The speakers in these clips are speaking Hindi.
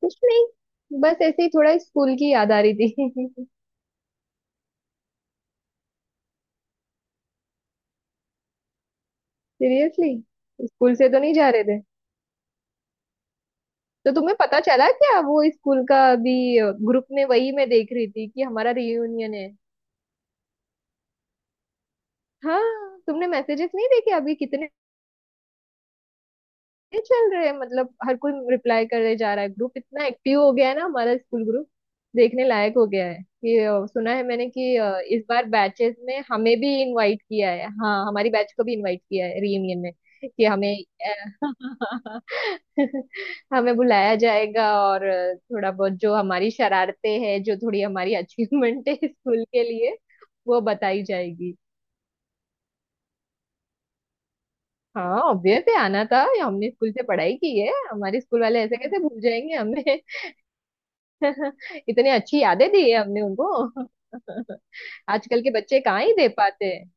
कुछ नहीं। बस ऐसे ही थोड़ा स्कूल की याद आ रही थी। सीरियसली। स्कूल से तो नहीं जा रहे थे। तो तुम्हें पता चला क्या वो स्कूल का अभी? ग्रुप में वही मैं देख रही थी कि हमारा रियूनियन है। हाँ। तुमने मैसेजेस नहीं देखे अभी कितने? ये चल रहे हैं, मतलब हर कोई रिप्लाई करे जा रहा है। ग्रुप इतना एक्टिव हो गया है ना हमारा स्कूल ग्रुप। देखने लायक हो गया है। कि सुना है मैंने कि इस बार बैचेस में हमें भी इनवाइट किया है। हाँ, हमारी बैच को भी इनवाइट किया है रियूनियन में। कि हमें अ, हमें बुलाया जाएगा, और थोड़ा बहुत जो हमारी शरारतें हैं, जो थोड़ी हमारी अचीवमेंट है स्कूल के लिए, वो बताई जाएगी। हाँ, ऑब्वियस है आना था ये। हमने स्कूल से पढ़ाई की है, हमारे स्कूल वाले ऐसे कैसे भूल जाएंगे हमें। इतनी अच्छी यादें दी है हमने उनको। आजकल के बच्चे कहाँ ही दे पाते हैं।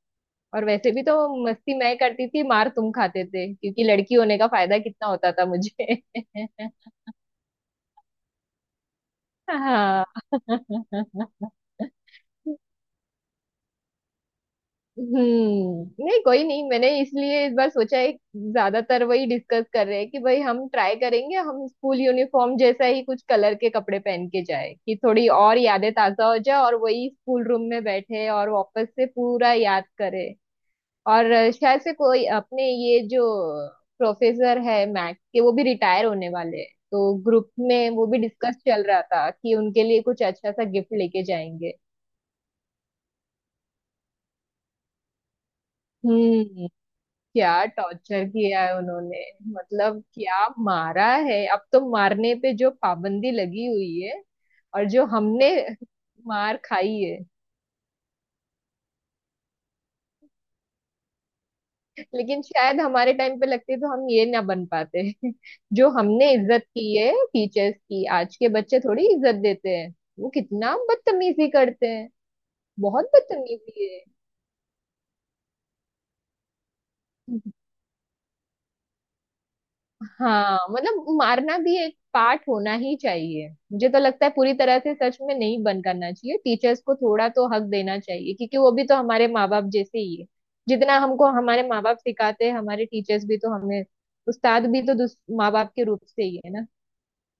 और वैसे भी तो मस्ती मैं करती थी, मार तुम खाते थे, क्योंकि लड़की होने का फायदा कितना होता था मुझे। हाँ। हम्म। नहीं, कोई नहीं, मैंने इसलिए इस बार सोचा है। ज्यादातर वही डिस्कस कर रहे हैं कि भाई हम ट्राई करेंगे, हम स्कूल यूनिफॉर्म जैसा ही कुछ कलर के कपड़े पहन के जाए, कि थोड़ी और यादें ताजा हो जाए, और वही स्कूल रूम में बैठे और वापस से पूरा याद करे। और शायद से कोई अपने ये जो प्रोफेसर है मैथ्स के, वो भी रिटायर होने वाले हैं, तो ग्रुप में वो भी डिस्कस चल रहा था कि उनके लिए कुछ अच्छा सा गिफ्ट लेके जाएंगे। हम्म। क्या टॉर्चर किया है उन्होंने। मतलब क्या मारा है। अब तो मारने पे जो पाबंदी लगी हुई है, और जो हमने मार खाई है। लेकिन शायद हमारे टाइम पे लगती तो हम ये ना बन पाते। जो हमने इज्जत की है टीचर्स की, आज के बच्चे थोड़ी इज्जत देते हैं। वो कितना बदतमीजी करते हैं। बहुत बदतमीजी है। हाँ, मतलब मारना भी एक पार्ट होना ही चाहिए, मुझे तो लगता है। पूरी तरह से सच में नहीं बंद करना चाहिए। टीचर्स को थोड़ा तो हक देना चाहिए, क्योंकि वो भी तो हमारे माँ बाप जैसे ही है। जितना हमको हमारे माँ बाप सिखाते हैं, हमारे टीचर्स भी तो हमें। उस्ताद भी तो माँ बाप के रूप से ही है ना।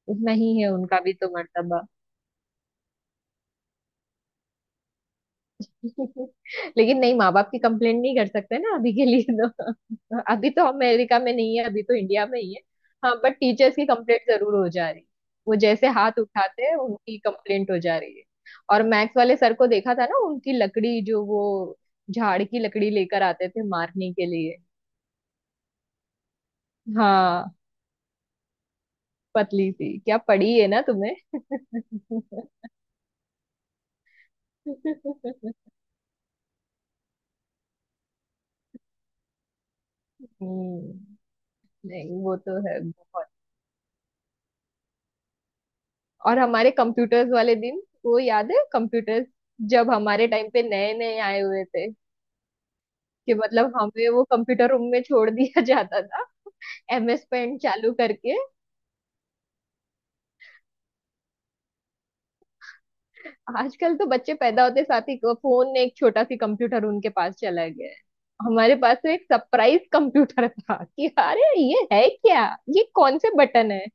उतना ही है उनका भी तो मर्तबा। लेकिन नहीं, माँ बाप की कंप्लेंट नहीं कर सकते ना अभी के लिए तो। अभी तो अमेरिका में नहीं है, अभी तो इंडिया में ही है। हाँ, बट टीचर्स की कंप्लेंट जरूर हो जा रही है। वो जैसे हाथ उठाते हैं, उनकी कंप्लेंट हो जा रही है। और मैथ्स वाले सर को देखा था ना उनकी लकड़ी, जो वो झाड़ की लकड़ी लेकर आते थे मारने के लिए। हाँ, पतली सी क्या पड़ी है ना तुम्हें। हम्म। नहीं, वो तो है बहुत। और हमारे कंप्यूटर्स वाले दिन, वो याद है कंप्यूटर्स जब हमारे टाइम पे नए नए आए हुए थे? कि मतलब हमें वो कंप्यूटर रूम में छोड़ दिया जाता था, एमएस पेंट चालू करके। आजकल तो बच्चे पैदा होते साथ ही फोन ने एक छोटा सी कंप्यूटर उनके पास चला गया है। हमारे पास तो एक सरप्राइज कंप्यूटर था कि अरे ये है क्या? ये कौन से बटन है?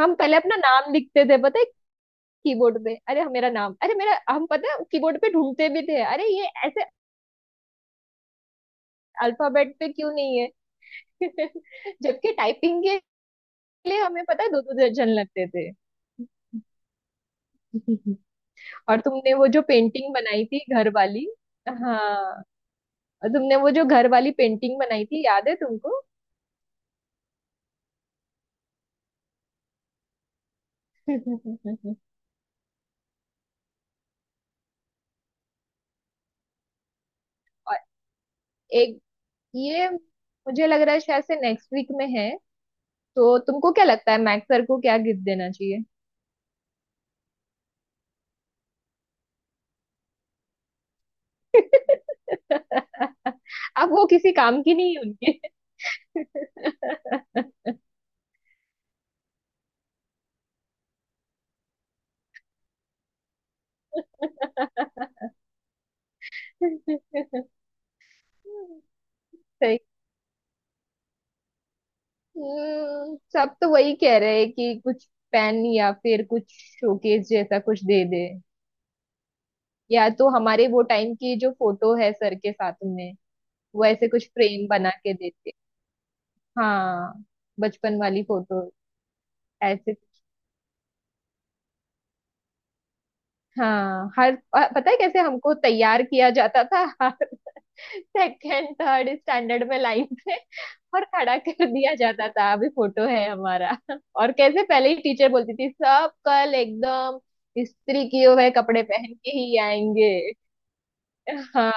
हम पहले अपना नाम लिखते थे पता है कीबोर्ड पे, अरे मेरा नाम, अरे मेरा, हम पता है कीबोर्ड पे ढूंढते भी थे, अरे ये ऐसे अल्फाबेट पे क्यों नहीं है। जबकि टाइपिंग के लिए हमें पता है दो दो दर्जन लगते थे। और तुमने वो जो पेंटिंग बनाई थी घर वाली, हाँ। और तुमने वो जो घर वाली पेंटिंग बनाई थी याद है तुमको? और एक, ये मुझे लग रहा है शायद से नेक्स्ट वीक में है। तो तुमको क्या लगता है मैक्स सर को क्या गिफ्ट देना चाहिए? अब वो किसी काम की नहीं है उनके। सही। सब तो वही कह रहे हैं कि कुछ पेन या फिर कुछ शोकेस जैसा कुछ दे दे। या तो हमारे वो टाइम की जो फोटो है सर के साथ में, वो ऐसे कुछ फ्रेम बना के देते। हाँ, बचपन वाली फोटो ऐसे। हाँ, हर पता है कैसे हमको तैयार किया जाता था। सेकेंड थर्ड स्टैंडर्ड में लाइन से, और खड़ा कर दिया जाता था, अभी फोटो है हमारा। और कैसे पहले ही टीचर बोलती थी, सब कल एकदम इस्त्री किए हुए कपड़े पहन के ही आएंगे। हाँ,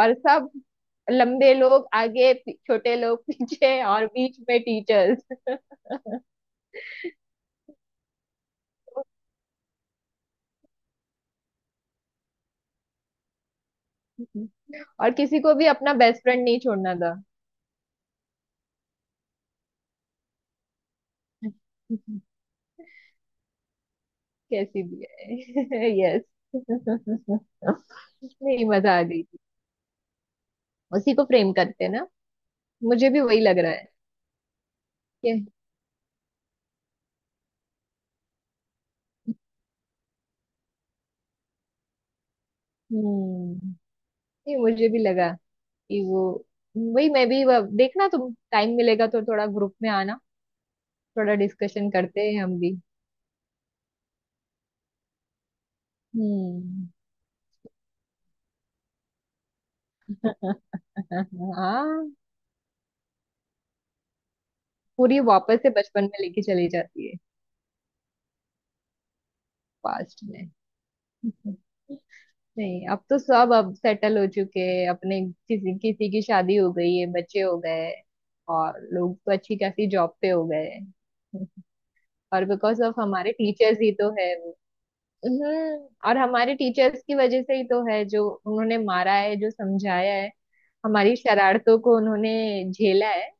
और सब लंबे लोग आगे, छोटे लोग पीछे, और बीच में टीचर्स। और किसी को भी अपना बेस्ट फ्रेंड नहीं छोड़ना था, कैसी भी है। यस, नहीं मजा आ गई। उसी को प्रेम करते हैं ना, मुझे भी वही लग रहा है कि- हम्म, नहीं मुझे भी लगा कि वो, वही मैं भी देखना, तुम टाइम मिलेगा तो थोड़ा ग्रुप में आना, थोड़ा डिस्कशन करते हैं हम भी। हम्म। हाँ, पूरी वापस से बचपन में लेके चली जाती है। पास्ट में। नहीं, अब तो सब अब सेटल हो चुके हैं अपने, किसी किसी की शादी हो गई है, बच्चे हो गए हैं, और लोग तो अच्छी खासी जॉब पे हो गए हैं। और बिकॉज ऑफ हमारे टीचर्स ही तो है वो। हम्म, और हमारे टीचर्स की वजह से ही तो है, जो उन्होंने मारा है, जो समझाया है, हमारी शरारतों को उन्होंने झेला है।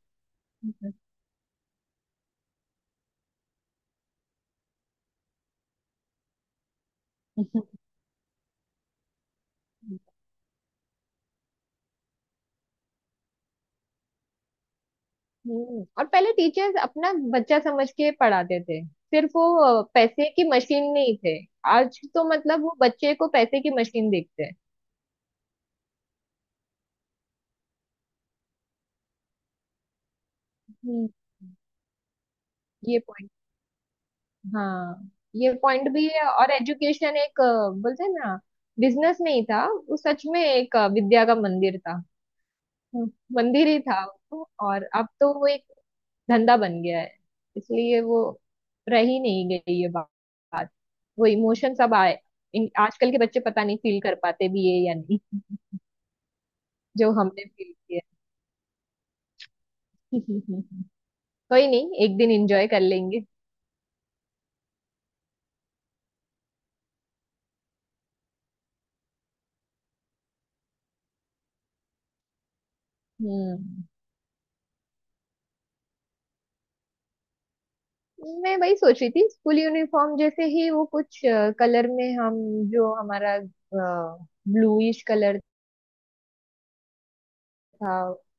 हम्म, और पहले टीचर्स अपना बच्चा समझ के पढ़ाते थे सिर्फ, वो पैसे की मशीन नहीं थे। आज तो मतलब वो बच्चे को पैसे की मशीन देखते हैं। हम्म, ये, हाँ, ये पॉइंट भी है। और एजुकेशन एक बोलते हैं ना, बिजनेस नहीं था। वो सच में एक विद्या का मंदिर था। हम्म, मंदिर ही था। वो, और अब तो वो एक धंधा बन गया है, इसलिए वो रह ही नहीं गई ये बात। वो इमोशन सब आए, आजकल के बच्चे पता नहीं फील कर पाते भी है या नहीं। जो हमने फील किया। कोई नहीं, एक दिन एंजॉय कर लेंगे। हम्म, मैं वही सोच रही थी, स्कूल यूनिफॉर्म जैसे ही वो कुछ कलर में हम, जो हमारा ब्लूइश कलर था।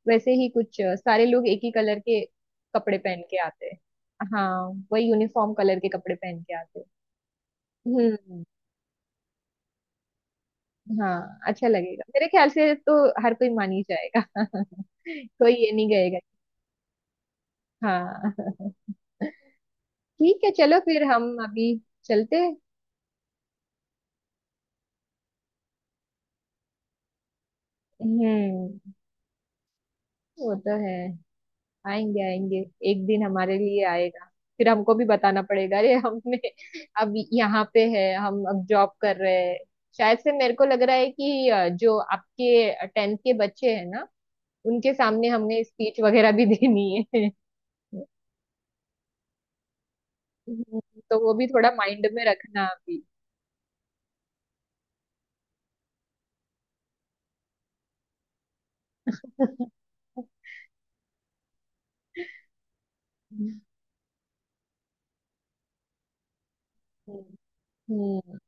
वैसे ही कुछ सारे लोग एक ही कलर के कपड़े पहन के आते हैं, हाँ वही यूनिफॉर्म कलर के कपड़े पहन के आते हैं। हम्म। हाँ, अच्छा लगेगा मेरे ख्याल से तो, हर कोई मान ही जाएगा। कोई ये नहीं कहेगा, हाँ। ठीक है, चलो फिर हम अभी चलते हैं। हम्म, वो तो है। आएंगे आएंगे, एक दिन हमारे लिए आएगा। फिर हमको भी बताना पड़ेगा, अरे हमने, अब यहाँ पे है हम, अब जॉब कर रहे हैं। शायद से मेरे को लग रहा है कि जो आपके 10th के बच्चे हैं ना, उनके सामने हमने स्पीच वगैरह भी देनी है। हम्म, तो वो भी थोड़ा माइंड में रखना अभी। हम्म हम्म।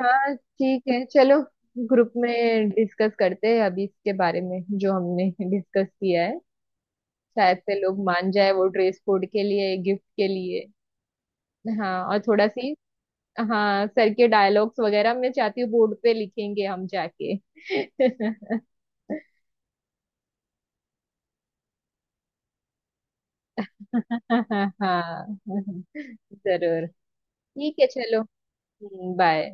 हाँ ठीक है, चलो, ग्रुप में डिस्कस करते हैं अभी इसके बारे में, जो हमने डिस्कस किया है। शायद से लोग मान जाए वो ड्रेस कोड के लिए, गिफ्ट के लिए। हाँ, और थोड़ा सी, हाँ, सर के डायलॉग्स वगैरह मैं चाहती हूँ बोर्ड पे लिखेंगे हम जाके। हाँ, जरूर। ठीक है, चलो, बाय।